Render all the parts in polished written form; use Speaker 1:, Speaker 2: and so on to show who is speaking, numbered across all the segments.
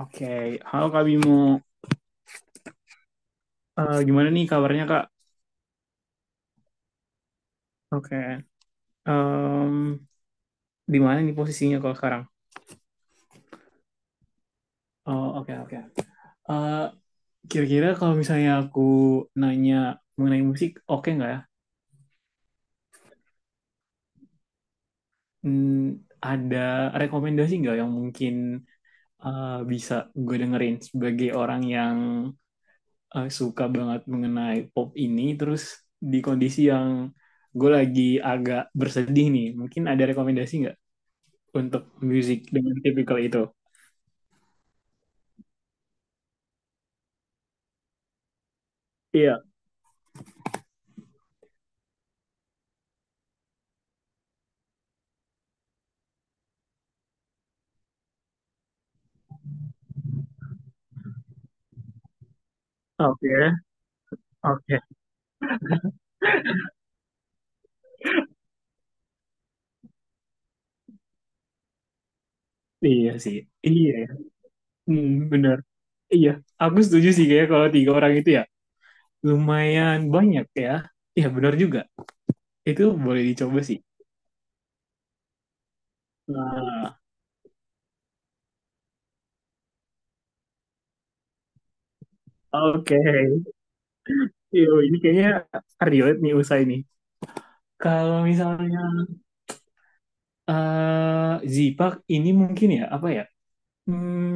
Speaker 1: Oke. Halo Kak Bimo. Gimana nih kabarnya, Kak? Oke. Em, di mana nih posisinya kalau sekarang? Oh, oke, oke. Eh, Kira-kira kalau misalnya aku nanya mengenai musik, oke nggak ya? Hmm, ada rekomendasi nggak yang mungkin bisa gue dengerin sebagai orang yang suka banget mengenai pop ini, terus di kondisi yang gue lagi agak bersedih nih, mungkin ada rekomendasi nggak untuk musik dengan tipikal itu? Iya, oke, oke. Iya sih, iya, ya. Hmm, bener. Iya, aku setuju sih kayak kalau tiga orang itu ya lumayan banyak ya. Iya bener juga, itu boleh dicoba sih. Nah, oke. Yo, ini kayaknya relate nih usai nih. Kalau misalnya Zipak ini mungkin ya apa ya? Hmm,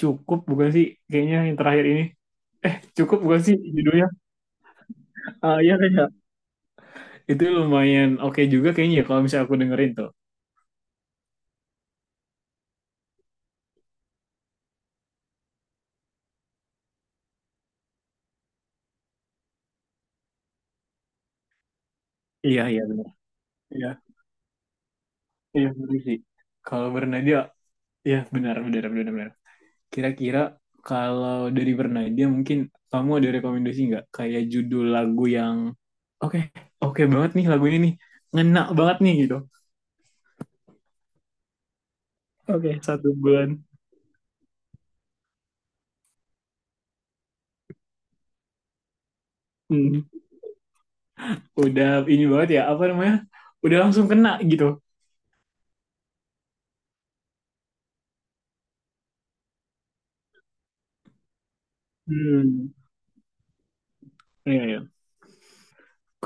Speaker 1: Cukup bukan sih? Kayaknya yang terakhir ini cukup bukan sih judulnya? Ah, iya kayaknya. Itu lumayan oke juga kayaknya ya kalau misalnya aku dengerin tuh. Iya, iya. Iya, iya benar sih. Kalau Bernadia, ya benar, benar, benar, benar. Kira-kira kalau dari Bernadia mungkin kamu ada rekomendasi nggak? Kayak judul lagu yang oke, oke banget nih lagu ini nih, ngena banget nih gitu. Oke, satu bulan. Hmm, udah ini banget ya, apa namanya? Udah langsung kena gitu. Hmm, iya, iya.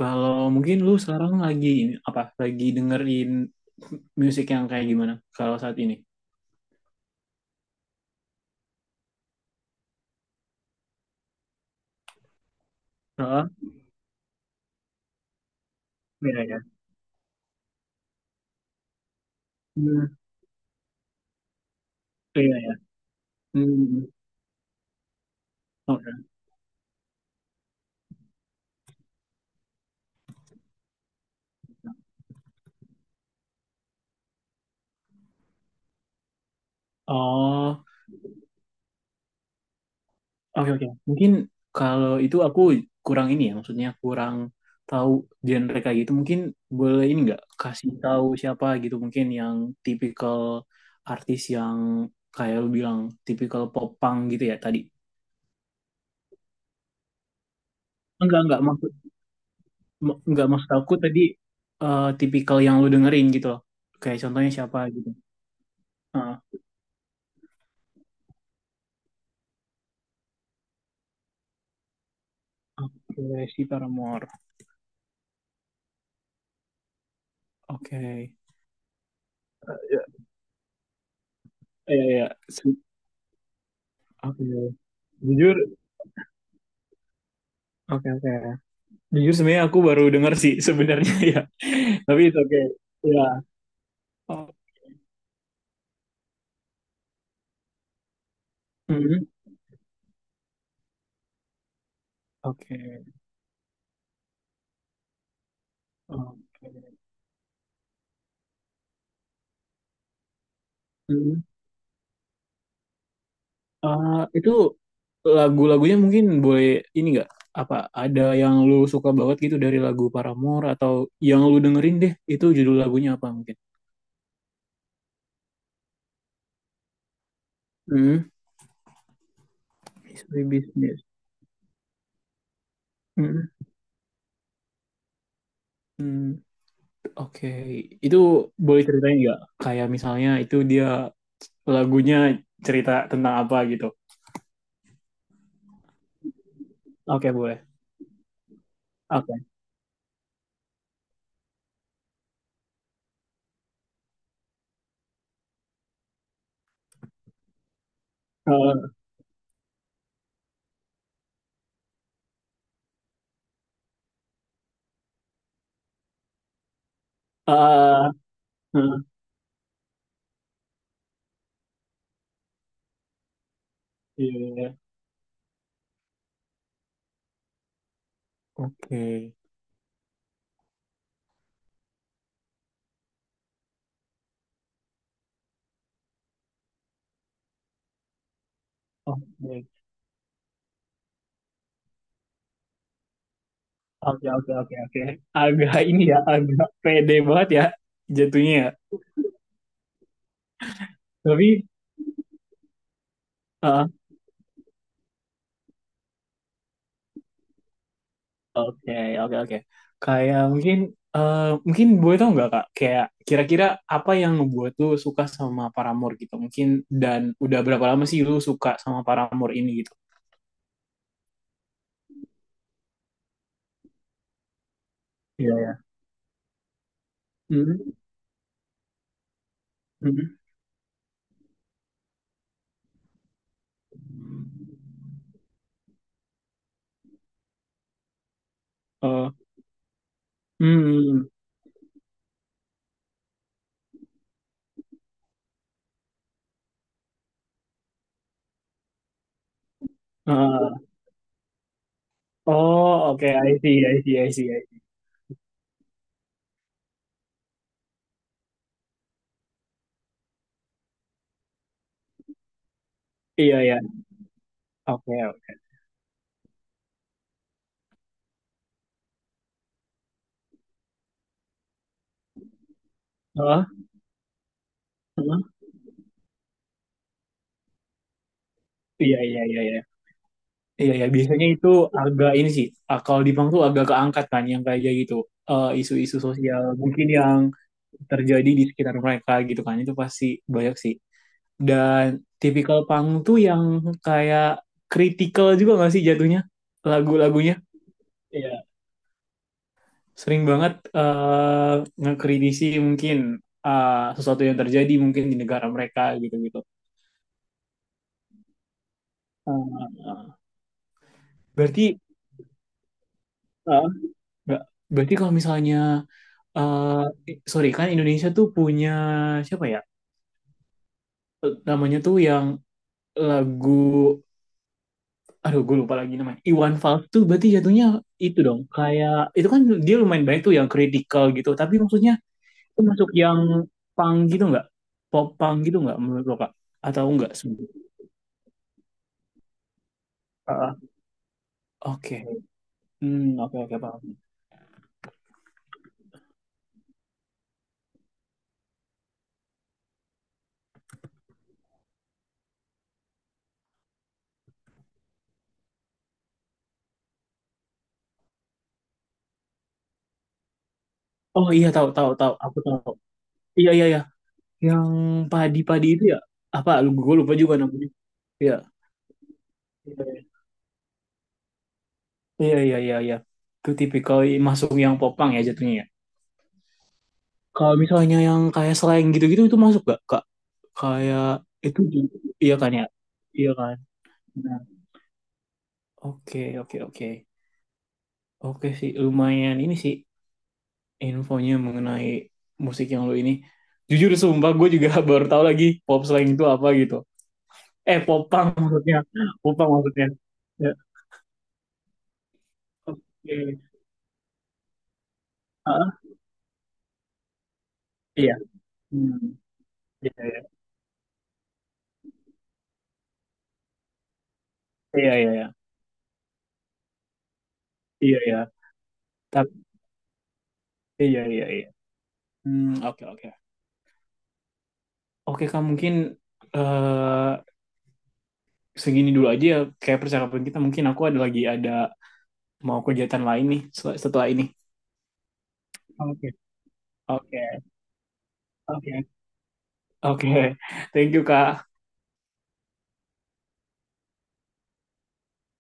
Speaker 1: Kalau mungkin lu sekarang lagi ini apa? Lagi dengerin musik yang kayak gimana? Kalau saat ini? Oh, iya, iya. Hmm, iya, iya. Hmm, oke. Oh, oke, oke. Mungkin kalau itu aku kurang ini ya, maksudnya kurang tahu genre kayak gitu. Mungkin boleh ini nggak kasih tahu siapa gitu mungkin yang tipikal artis yang kayak lu bilang tipikal pop punk gitu ya tadi. Enggak, maksud enggak maksud aku tadi, tipikal yang lu dengerin gitu loh. Kayak contohnya siapa gitu. Ah, oke, si Paramore. Oke. Iya, iya. Si- Oke. Jujur Oke, oke. Jujur sebenarnya aku baru dengar sih sebenarnya ya. Tapi itu oke. Ya. Oh. Mhm. Oke. Oke. Mhm. Ah, itu lagu-lagunya mungkin boleh ini nggak? Apa ada yang lu suka banget gitu dari lagu Paramore atau yang lu dengerin deh itu judul lagunya apa mungkin? Hmm. History Business. Mhm. Hmm. Oke. Itu boleh ceritain nggak? Kayak misalnya itu dia lagunya cerita tentang apa gitu? Oke boleh. Oke. Eh, ah eh, iya, iya. Oke. Oke, oke, oke, oke, oke. Agak ini ya, agak pede banget ya jatuhnya ya. Tapi, eh, oke, oke, oke. Kayak mungkin, eh, mungkin boleh tau nggak, Kak? Kayak kira-kira apa yang ngebuat tuh suka sama Paramore gitu? Mungkin dan udah berapa lama sih lu suka sama Paramore ini gitu? Iya, ya. Hmm, hmm, oh, hmm, ah. Oh, oke, I see, I see, I see, I see. Iya, ya. Oke. Heeh, heeh. Iya, iya, iya, iya. Iya, iya. Biasanya itu agak ini sih. Ah, kalau di Bank tuh agak keangkat kan yang kayak gitu. Isu-isu sosial mungkin yang terjadi di sekitar mereka gitu kan. Itu pasti banyak sih. Dan tipikal pang tuh yang kayak kritikal juga gak sih jatuhnya lagu-lagunya? Iya. Sering banget ngekritisi mungkin eh, sesuatu yang terjadi mungkin di negara mereka gitu-gitu. Eh, berarti eh, nggak- berarti kalau misalnya eh sorry, kan Indonesia tuh punya siapa ya? Namanya tuh yang lagu, aduh gue lupa lagi namanya. Iwan Fals tuh berarti jatuhnya itu dong. Kayak itu kan dia lumayan banyak tuh yang kritikal gitu. Tapi maksudnya itu masuk yang punk gitu nggak? Pop punk gitu nggak menurut lo, Kak? Atau enggak sebenarnya? Ah, oke. Hmm, oke, oke paham. Oh, iya, tahu, tahu, tahu. Aku tahu. Iya, iya, iya. Yang padi-padi itu ya? Apa? Gue lupa juga namanya. Iya. Iya, iya, iya, iya. Itu tipikal masuk yang popang ya jatuhnya ya. Kalau misalnya yang kayak slang gitu-gitu itu masuk gak, Kak? Kayak itu juga, iya kan ya? Iya kan? Nah, oke, oke, oke. Oke sih, lumayan ini sih infonya mengenai musik yang lu ini. Jujur sumpah, gue juga baru tahu lagi pop slang itu apa gitu. Popang maksudnya. Popang maksudnya. Ya, oke. Ah, iya. Hmm. Iya, iya. Iya, iya, iya. Iya, iya. Tapi, iya, iya, iya. Hmm, oke, oke. Oke Kak, mungkin eh segini dulu aja ya kayak percakapan kita. Mungkin aku ada lagi, ada mau kegiatan lain nih setelah setelah ini. Oke. Oke, oke, oke. Thank you Kak.